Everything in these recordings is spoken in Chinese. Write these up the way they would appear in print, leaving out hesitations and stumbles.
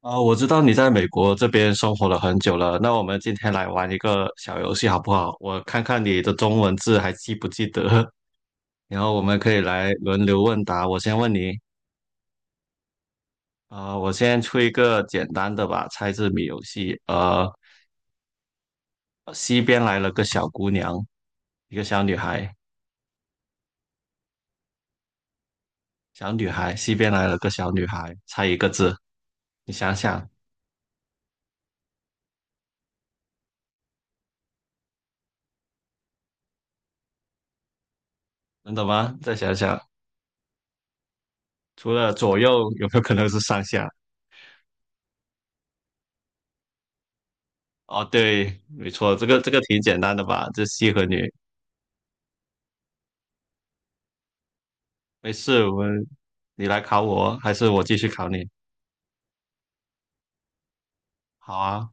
啊、我知道你在美国这边生活了很久了，那我们今天来玩一个小游戏好不好？我看看你的中文字还记不记得，然后我们可以来轮流问答。我先问你，啊、我先出一个简单的吧，猜字谜游戏。西边来了个小姑娘，一个小女孩，小女孩，西边来了个小女孩，猜一个字。你想想，能懂吗？再想想，除了左右，有没有可能是上下？哦，对，没错，这个挺简单的吧？这西和女，没事，我们你来考我，还是我继续考你？好啊，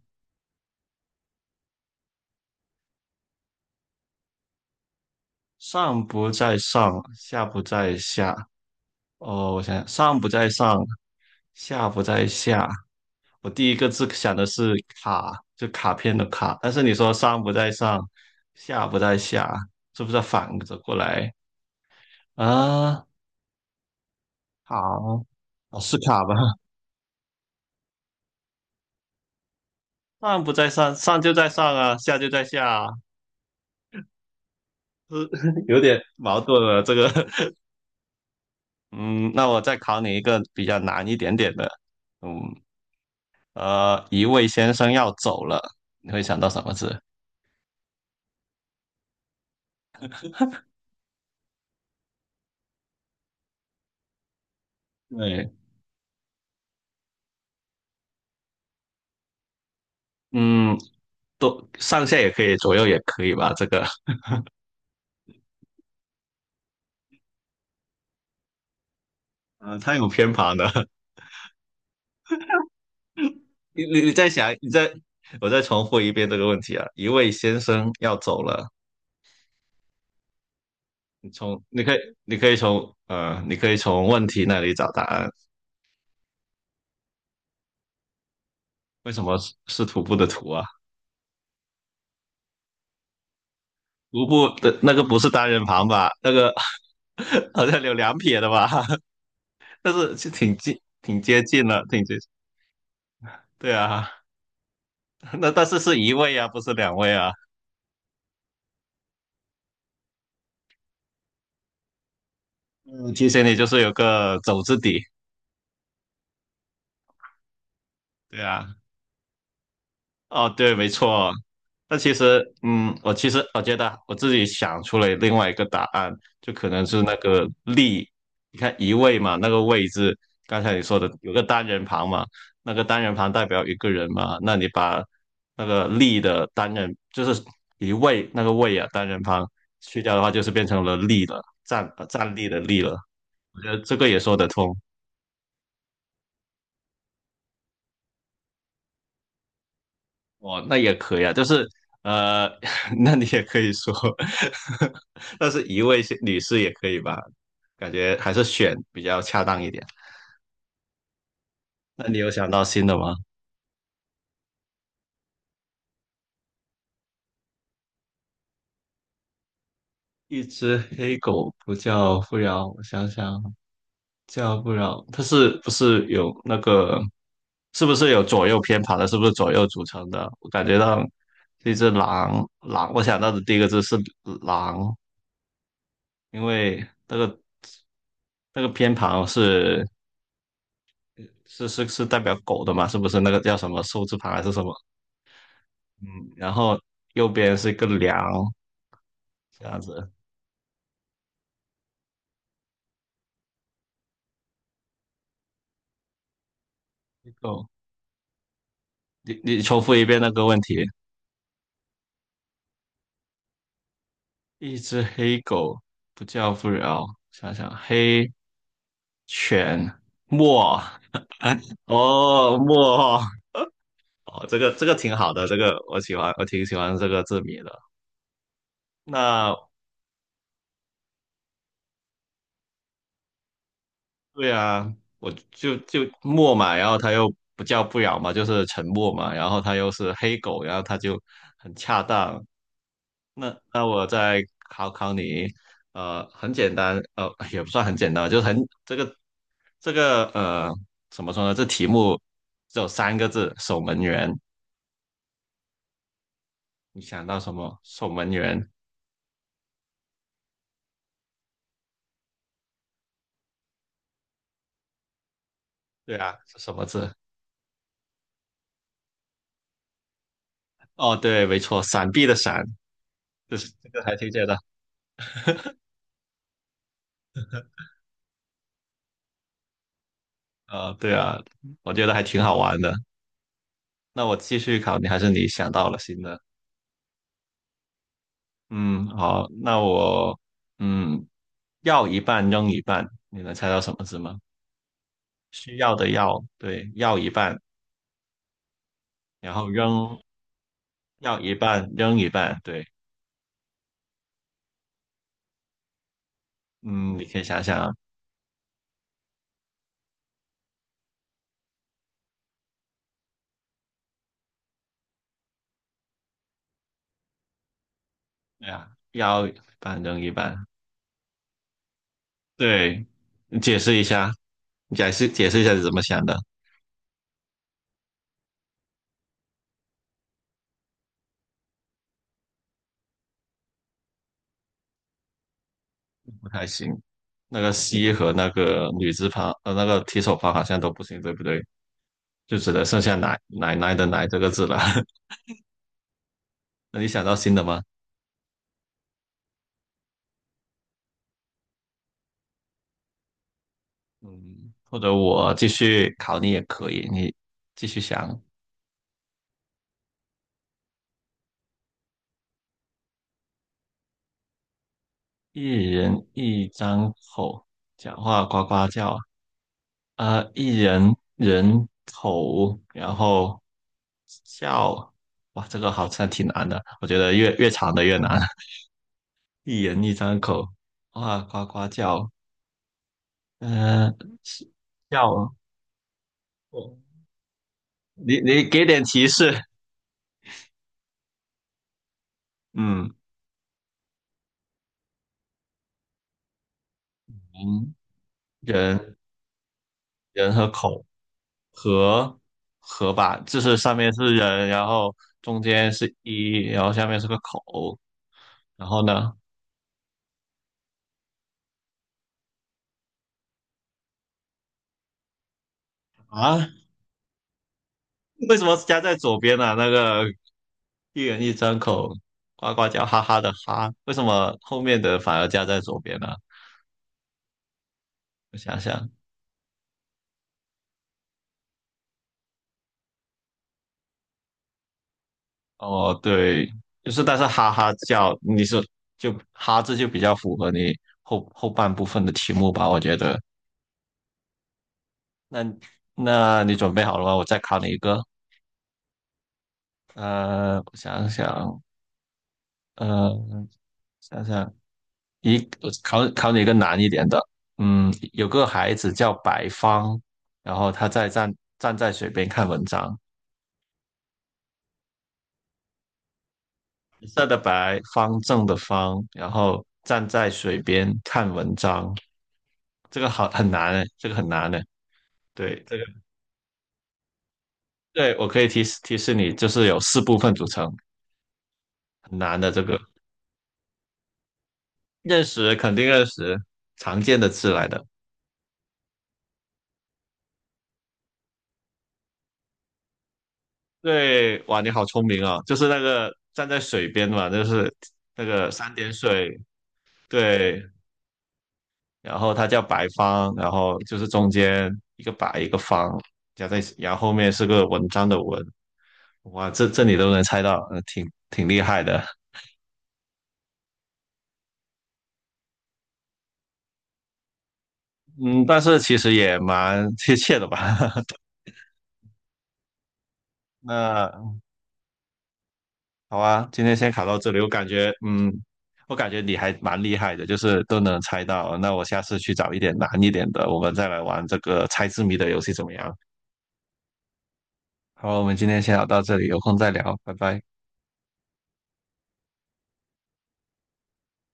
上不在上，下不在下。哦，我想想，上不在上，下不在下。我第一个字想的是卡，就卡片的卡，但是你说上不在上，下不在下，是不是反着过来啊？好，哦，是卡吧？上不在上，上就在上啊，下就在下啊。有点矛盾了。这个，嗯，那我再考你一个比较难一点点的，嗯，一位先生要走了，你会想到什么字？对，嗯，都上下也可以，左右也可以吧？这个，嗯，它有偏旁的。你再想，你再，我再重复一遍这个问题啊。一位先生要走了，你从你可以你可以从呃，你可以从问题那里找答案。为什么是徒步的徒啊？徒步的那个不是单人旁吧？那个 好像有两撇的吧？但是就挺近，挺接近了，挺接近。对啊，那但是是一位啊，不是两位啊。嗯，提醒你就是有个走字底。对啊，哦，对，没错。那其实，嗯，我其实我觉得啊我自己想出了另外一个答案，就可能是那个力。你看一位嘛，那个位字，刚才你说的有个单人旁嘛，那个单人旁代表一个人嘛，那你把那个力的单人就是一位那个位啊，单人旁去掉的话，就是变成了力了，站立的立了。我觉得这个也说得通。哦，那也可以啊，呃，那你也可以说，但是一位女士也可以吧？感觉还是选比较恰当一点。那你有想到新的吗？一只黑狗不叫不饶，我想想，叫不饶，它是不是有那个，是不是有左右偏旁的？是不是左右组成的？我感觉到这只狼，狼，我想到的第一个字是狼，因为那个那个偏旁是。是代表狗的嘛？是不是那个叫什么寿字旁还是什么？嗯，然后右边是一个梁，这样子。黑狗，你你重复一遍那个问题。一只黑狗不叫不了。想想黑犬墨，哦墨，哦这个挺好的，这个我喜欢，我挺喜欢这个字谜的。那对啊，我就就默嘛，然后他又不叫不咬嘛，就是沉默嘛，然后他又是黑狗，然后他就很恰当。那我再考考你，呃，很简单，呃，也不算很简单，就是很这个这个呃，怎么说呢？这题目只有三个字，守门员。你想到什么？守门员？对啊，是什么字？哦，对，没错，闪避的闪，就是这个还挺简单。呃，对啊，我觉得还挺好玩的。那我继续考你，还是你想到了新的？嗯，好，那我嗯，要一半扔一半，你能猜到什么字吗？需要的要，对，要一半，然后扔，要一半，扔一半，对，嗯，你可以想想啊，对啊，要一半扔一半，对，啊，你解释一下，你解释一下是怎么想的，不太行。那个西和那个女字旁，呃，那个提手旁好像都不行，对不对？就只能剩下奶奶奶的奶这个字了。那你想到新的吗？嗯，或者我继续考你也可以，你继续想。一人一张口，讲话呱呱叫。呃，一人人口，然后叫。哇，这个好像挺难的，我觉得越长的越难。一人一张口，哇，呱呱叫。呃，是叫，哦你你给点提示。嗯，人人人和口。河河吧，就是上面是人，然后中间是一，然后下面是个口，然后呢？啊，为什么加在左边呢、那个一人一张口，呱呱叫，哈哈的哈，为什么后面的反而加在左边呢、我想想，哦，对，就是但是哈哈叫，你说就哈字就比较符合你后半部分的题目吧，我觉得。那那你准备好了吗？我再考你一个。呃，我想想，呃，想想一考考你一个难一点的，嗯，有个孩子叫白方，然后他在站在水边看文章，白色的白，方正的方，然后站在水边看文章，这个好很难诶，这个很难诶，对，这个对我可以提示提示你，就是有四部分组成，很难的这个，认识肯定认识，常见的字来的。对，哇，你好聪明啊！就是那个站在水边嘛，就是那个三点水，对，然后它叫白方，然后就是中间一个白一个方，加在，然后后面是个文章的文，哇，这这你都能猜到，挺厉害的，嗯，但是其实也蛮贴切的吧？那好啊，今天先考到这里，我感觉，嗯，我感觉你还蛮厉害的，就是都能猜到。那我下次去找一点难一点的，我们再来玩这个猜字谜的游戏怎么样？好，我们今天先聊到这里，有空再聊，拜拜。